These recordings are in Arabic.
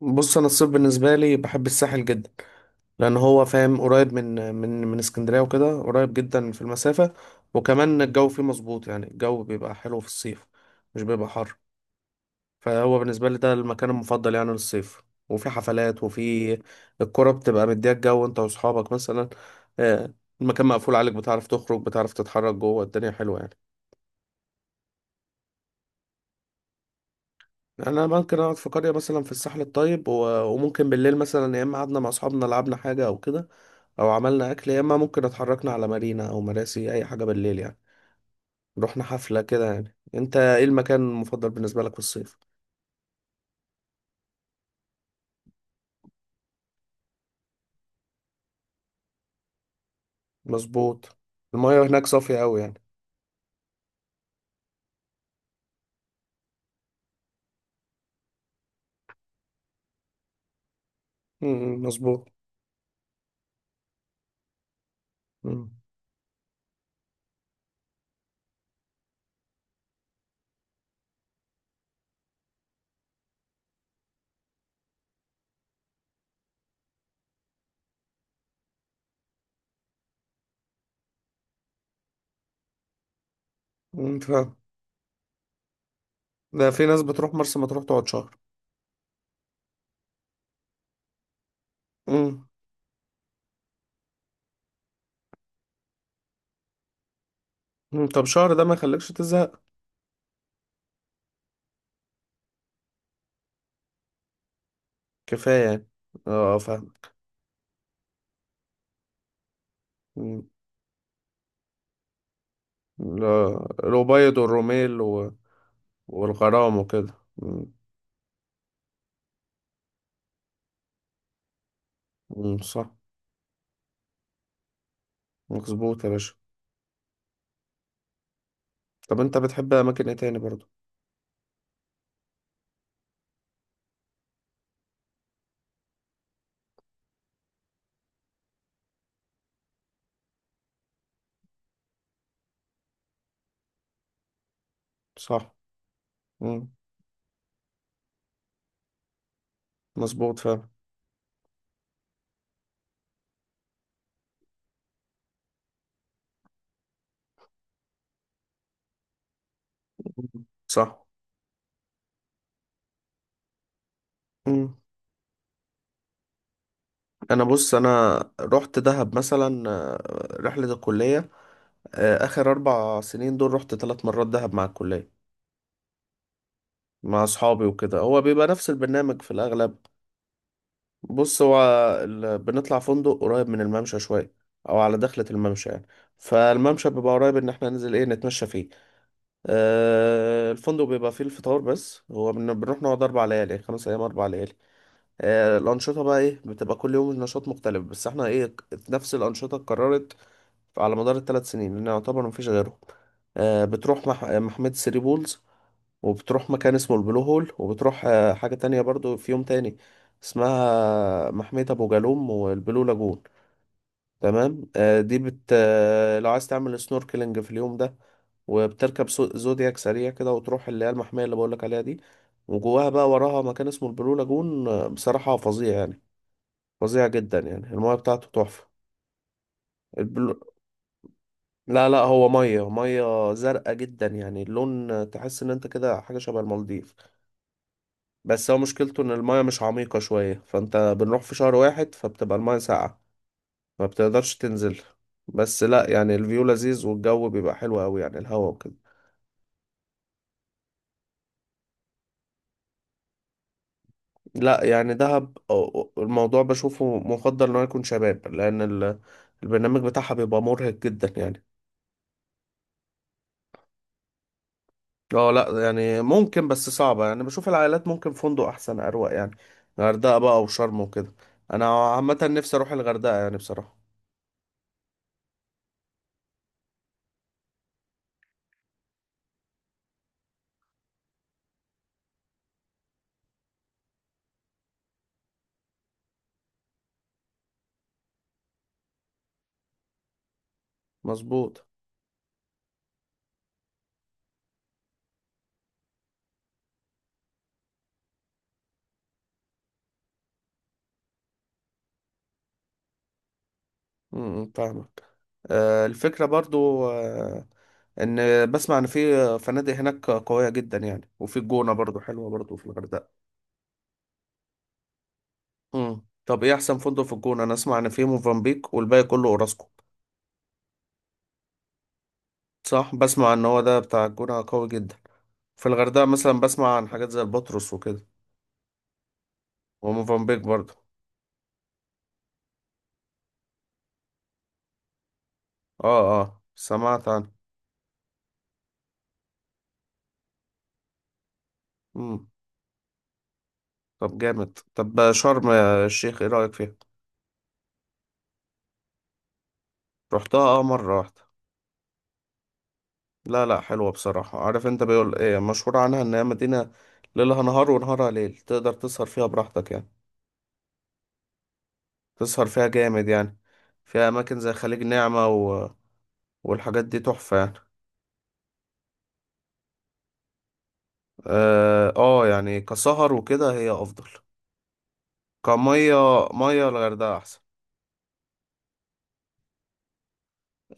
بص، انا الصيف بالنسبه لي بحب الساحل جدا. لان هو فاهم قريب من اسكندريه وكده، قريب جدا في المسافه. وكمان الجو فيه مظبوط، يعني الجو بيبقى حلو في الصيف، مش بيبقى حر. فهو بالنسبه لي ده المكان المفضل يعني للصيف. وفي حفلات، وفي الكرة بتبقى مديها الجو انت واصحابك مثلا. آه، المكان مقفول عليك، بتعرف تخرج، بتعرف تتحرك جوه، الدنيا حلوه يعني. انا ممكن اقعد في قريه مثلا في الساحل الطيب، وممكن بالليل مثلا يا اما قعدنا مع اصحابنا، لعبنا حاجه او كده، او عملنا اكل، يا اما ممكن اتحركنا على مارينا او مراسي اي حاجه بالليل يعني، رحنا حفله كده يعني. انت ايه المكان المفضل بالنسبه لك في الصيف؟ مظبوط. المايه هناك صافيه قوي يعني. امم، مظبوط. امم. أمم، فاهم. ده في ناس بتروح مرسى مطروح تقعد شهر. امم. أمم، طب شهر ده ما يخليكش تزهق؟ كفايه يعني. اه، فاهم. أمم. لا. الأبيض والروميل والغرام وكده. أمم. أمم، صح. مظبوط يا باشا. طب انت بتحب اماكن ايه تاني برضو؟ صح. إمم. مظبوط فعلا. مم. صح. مم. انا بص، انا رحت دهب مثلا، رحلة الكلية. اخر اربع سنين دول رحت ثلاث مرات دهب مع الكلية، مع اصحابي وكده. هو بيبقى نفس البرنامج في الاغلب. بص، هو بنطلع فندق قريب من الممشى شوية، او على دخلة الممشى يعني. فالممشى بيبقى قريب، ان احنا ننزل ايه، نتمشى فيه. الفندق بيبقى فيه الفطار بس. هو بنروح نقعد اربع ليالي، خمس ايام اربع ليالي. الأنشطة بقى إيه، بتبقى كل يوم نشاط مختلف، بس إحنا إيه، نفس الأنشطة اتكررت على مدار الثلاث سنين، لأن يعتبر مفيش غيرهم. بتروح مح... آه، محمية ثري بولز، وبتروح مكان اسمه البلو هول، وبتروح حاجة تانية برضو في يوم تاني اسمها محمية أبو جالوم والبلو لاجون. تمام. دي بت آه، لو عايز تعمل سنوركلينج في اليوم ده، وبتركب زودياك سريع كده، وتروح اللي هي المحمية اللي بقولك عليها دي. وجواها بقى، وراها، مكان اسمه البلو لاجون. بصراحة فظيع يعني، فظيع جدا يعني. المايه بتاعته تحفة. البلو... لا لا، هو ميه ميه زرقاء جدا يعني، اللون تحس ان انت كده حاجة شبه المالديف. بس هو مشكلته ان المايه مش عميقة شوية، فانت بنروح في شهر واحد، فبتبقى المايه ساقعة، ما بتقدرش تنزل. بس لا يعني، الفيو لذيذ والجو بيبقى حلو قوي يعني، الهوا وكده. لا يعني دهب الموضوع بشوفه مفضل ان هو يكون شباب، لان البرنامج بتاعها بيبقى مرهق جدا يعني. اه لا، يعني ممكن، بس صعبة يعني. بشوف العائلات ممكن فندق أحسن أروق يعني، غردقة بقى أو شرم وكده. أنا عامة نفسي أروح الغردقة يعني بصراحة. مظبوط. امم، فاهمك. الفكرة برضو إن بسمع إن في فنادق هناك قوية جدا يعني. وفي الجونة برضو حلوة برضو، في الغردقة. امم. طب إيه أحسن فندق في الجونة؟ أنا أسمع إن في موفنبيك، والباقي كله أوراسكو. صح، بسمع إن هو ده بتاع الجونة قوي جدا. في الغردقة مثلا بسمع عن حاجات زي البطرس وكده، وموفنبيك برضو. اه اه، سمعت عنه. مم. طب جامد. طب شرم يا الشيخ، ايه رأيك فيها؟ رحتها، اه، مرة واحدة. لا لا، حلوة بصراحة. عارف انت بيقول ايه، مشهور عنها ان هي مدينة ليلها نهار ونهارها ليل، تقدر تسهر فيها براحتك يعني. تسهر فيها جامد يعني، فيها اماكن زي خليج نعمة والحاجات دي تحفة يعني. اه، يعني كسهر وكده هي افضل. كمية مية الغردقة احسن.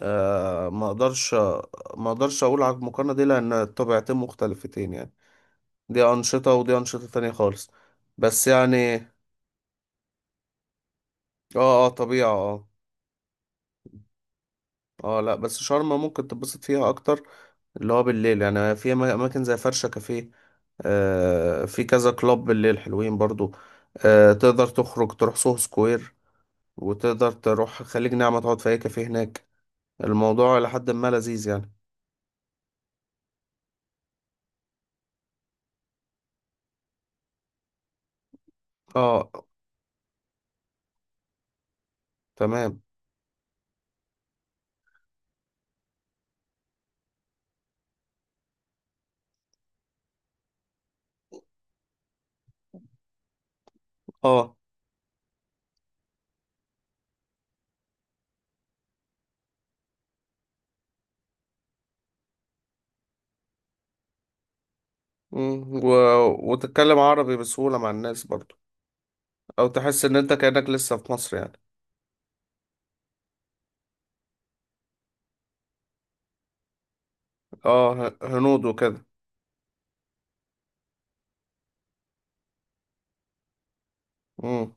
آه، ما اقدرش. ما اقدرش اقول على المقارنة دي، لان طبيعتين مختلفتين يعني. دي أنشطة ودي أنشطة تانية خالص. بس يعني، اه اه، طبيعة، اه. اه لا، بس شرم ممكن تتبسط فيها أكتر، اللي هو بالليل يعني، في أماكن زي فرشة كافيه. في كذا كلاب بالليل حلوين برضو. تقدر تخرج تروح سوهو سكوير، وتقدر تروح خليج نعمة تقعد في أي كافيه هناك. الموضوع إلى حد ما لذيذ يعني. اه. تمام. اه. مم، وتتكلم عربي بسهولة مع الناس برضو. أو تحس إن أنت كأنك لسه في مصر يعني. اه، هنود وكده. امم.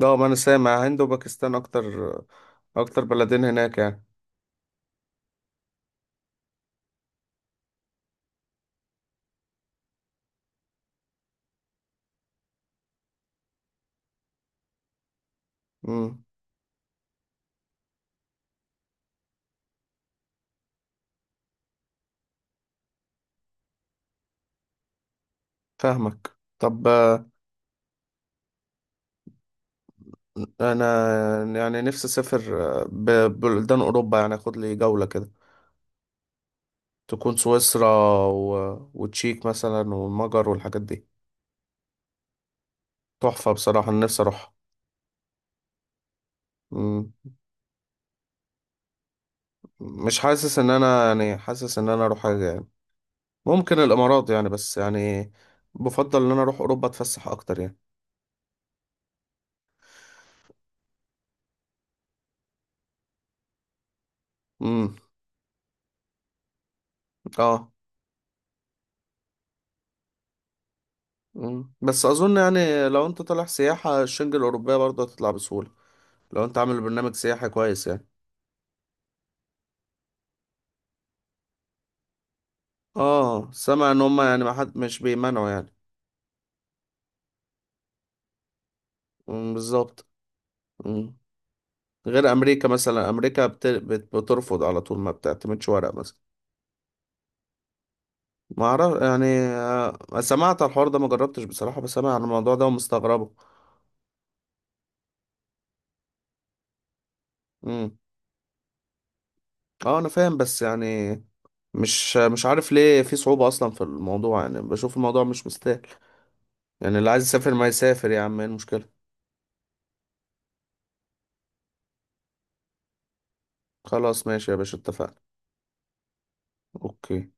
ده ما انا سامع هند وباكستان اكتر، اكتر بلدين هناك يعني. امم، فاهمك. طب، انا يعني نفسي اسافر ببلدان اوروبا يعني، اخد لي جولة كده. تكون سويسرا وتشيك مثلا، والمجر، والحاجات دي. تحفة بصراحة، انا نفسي اروح. امم. مش حاسس ان انا يعني، حاسس ان انا اروح حاجة يعني، ممكن الامارات يعني. بس يعني بفضل ان انا اروح اوروبا اتفسح اكتر يعني. امم. اه. مم. بس اظن يعني لو انت طالع سياحة، الشنجة الاوروبية برضه هتطلع بسهولة، لو انت عامل برنامج سياحي كويس يعني. اه، سامع ان هم يعني ما حد، مش بيمنعوا يعني. مم، بالظبط. مم. غير امريكا مثلا، امريكا بترفض على طول، ما بتعتمدش ورق مثلا. ما اعرف يعني، سمعت على الحوار ده، ما جربتش بصراحة، بس سامع عن الموضوع ده ومستغربه. مم. اه انا فاهم، بس يعني مش مش عارف ليه في صعوبة اصلا في الموضوع. يعني بشوف الموضوع مش مستاهل يعني، اللي عايز يسافر ما يسافر يا عم، ايه المشكلة؟ خلاص، ماشي يا باشا، اتفقنا. اوكي.